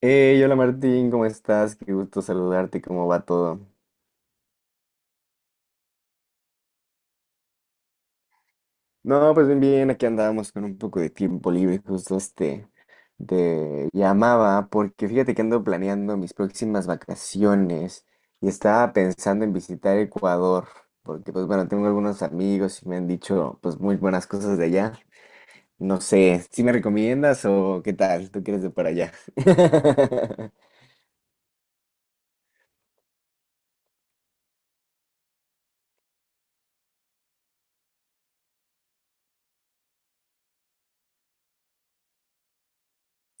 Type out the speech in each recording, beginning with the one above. Hey, hola Martín, ¿cómo estás? Qué gusto saludarte, ¿cómo va todo? No, pues bien, bien, aquí andábamos con un poco de tiempo libre, justo te llamaba porque fíjate que ando planeando mis próximas vacaciones y estaba pensando en visitar Ecuador, porque pues bueno, tengo algunos amigos y me han dicho pues muy buenas cosas de allá. No sé, ¿si me recomiendas o qué tal? ¿Tú quieres de para allá?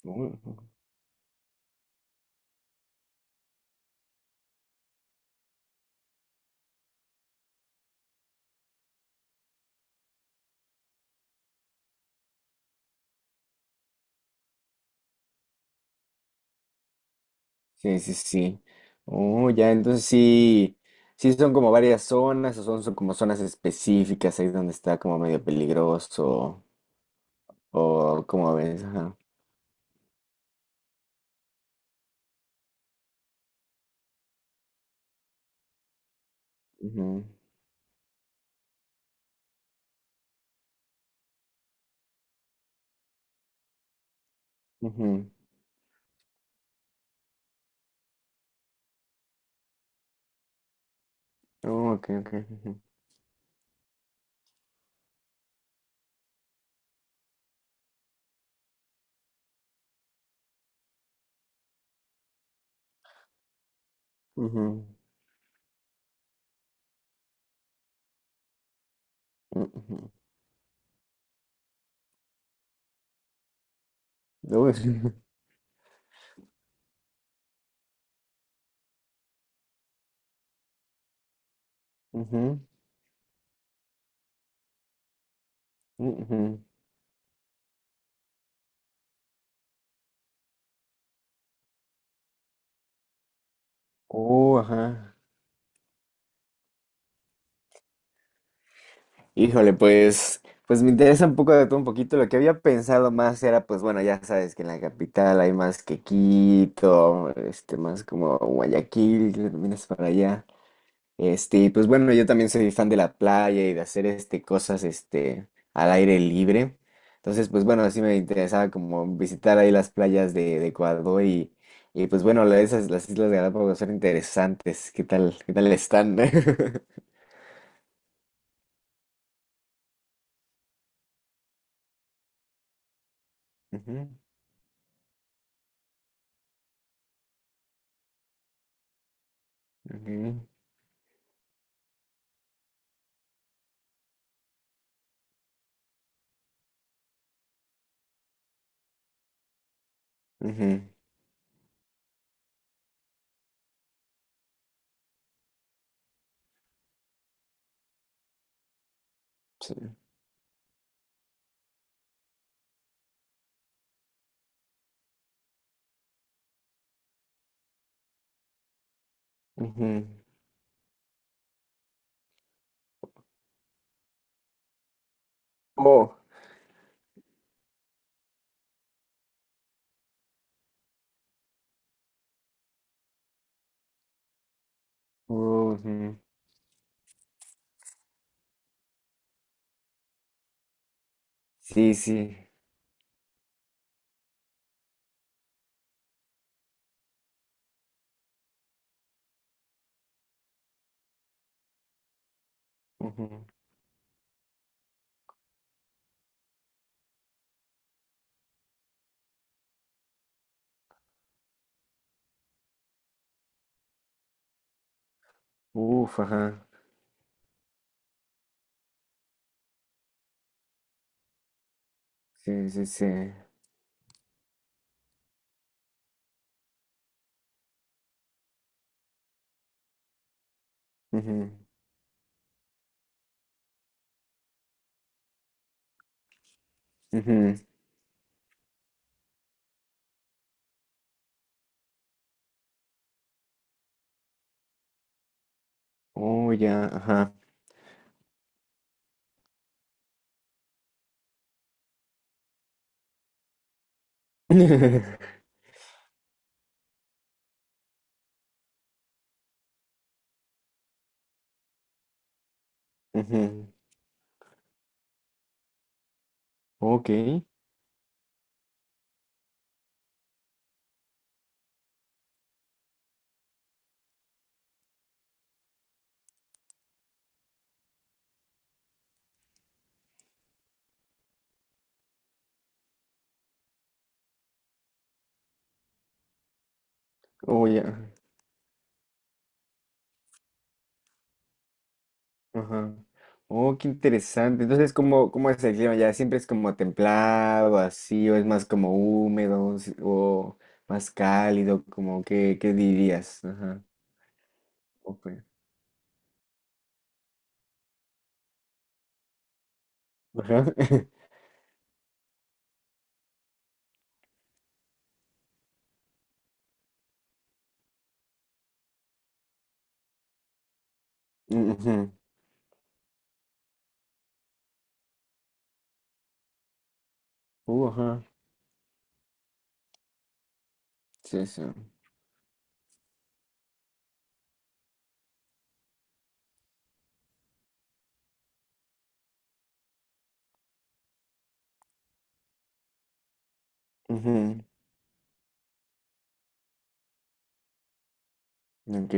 Uh. Sí, sí, sí. Oh, ya, entonces sí, sí son como varias zonas, o son, son como zonas específicas ahí donde está como medio peligroso, o como ves, ajá. Ujú, ujú. Oh, ok, ok. Ujú, ujú, ujú, ujú, ujú, ujú. Oh, ajá. Híjole, pues, pues me interesa un poco de todo un poquito. Lo que había pensado más era, pues bueno, ya sabes que en la capital hay más que Quito, más como Guayaquil, que también es para allá. Y pues bueno, yo también soy fan de la playa y de hacer cosas al aire libre. Entonces, pues bueno, sí me interesaba como visitar ahí las playas de Ecuador y pues bueno, esas, las Islas Galápagos son interesantes. ¿Qué tal? ¿Qué tal están? Ujú, ujú, ujú, sí. Ujú. Oh, oh, ujú. Sí, sí. Ujú. Uf, ajá. Sí, sí, sí. Ujú. Ujú. Oh, ya, ajá. Ujú. Ok. Oh, ya. Ajá. Oh, qué interesante. Entonces, ¿cómo, cómo es el clima? ¿Ya siempre es como templado, así, o es más como húmedo, o más cálido? Como, ¿qué, qué dirías? Ajá. Ok. Ajá. Ujú. Ajá. Sí, sí. Ok.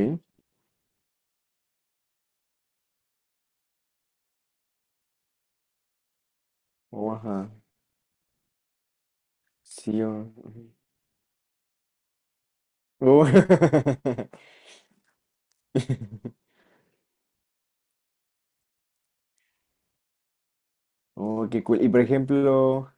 Oh, ajá. Sí, o ujú. Oh, oh, qué cool. Y por ejemplo,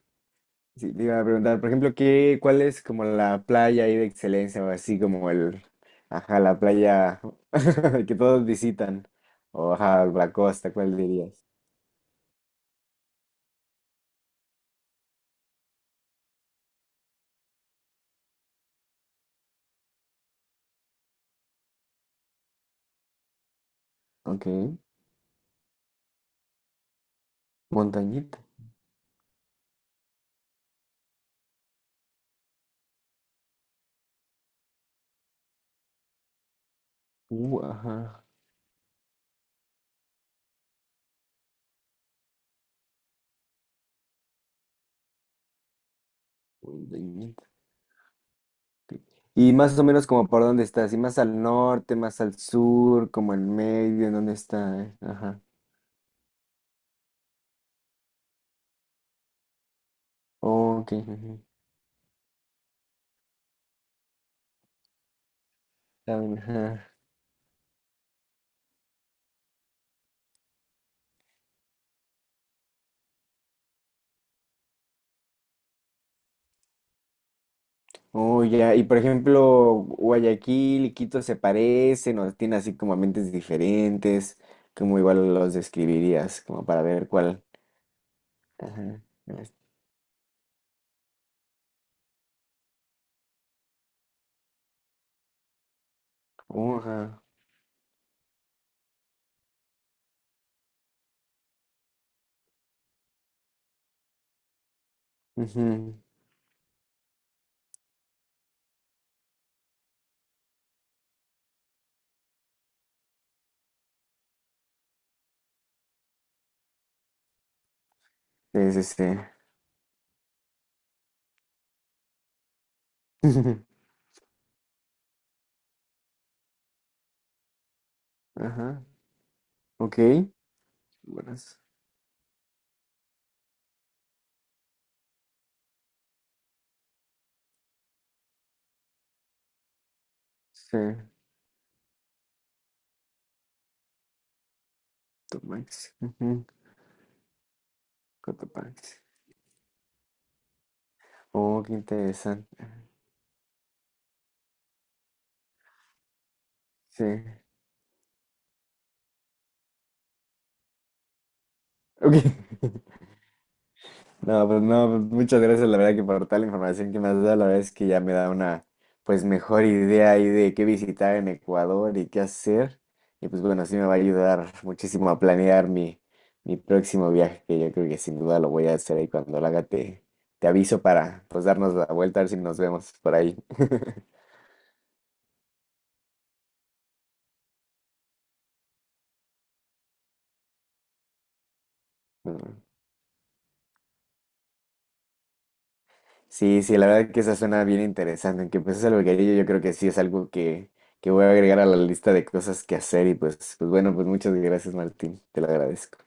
sí, te iba a preguntar, por ejemplo, ¿qué, cuál es como la playa ahí de excelencia o así como el, ajá, la playa que todos visitan? O ajá, la costa, ¿cuál dirías? Ok. Montañita. Ajá. Montañita. Ok. Y más o menos como por dónde está, así más al norte, más al sur, como en medio, ¿en dónde está? ¿Eh? Ajá. Ok. Ajá. Oh, ya. Y por ejemplo, Guayaquil y Quito se parecen o tienen así como ambientes diferentes. ¿Cómo igual los describirías? Como para ver cuál. Ajá. Oh, ajá. Ujú. Es este. Ajá. Ok. Buenas. Sí. Tomax. Ujú. Cotopaxi. Oh, qué interesante. Sí. Ok. No, pues no, pues, muchas gracias, la verdad que por toda la información que me has dado, la verdad es que ya me da una pues mejor idea ahí de qué visitar en Ecuador y qué hacer. Y pues bueno, sí me va a ayudar muchísimo a planear mi, mi próximo viaje, que yo creo que sin duda lo voy a hacer ahí cuando lo haga, te aviso para pues darnos la vuelta, a ver si nos vemos por ahí. Sí, sí, la verdad que esa suena bien interesante. Aunque pues es algo que yo creo que sí es algo que voy a agregar a la lista de cosas que hacer. Y pues, pues bueno, pues muchas gracias, Martín. Te lo agradezco.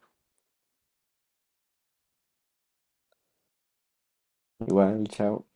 Igual, chao.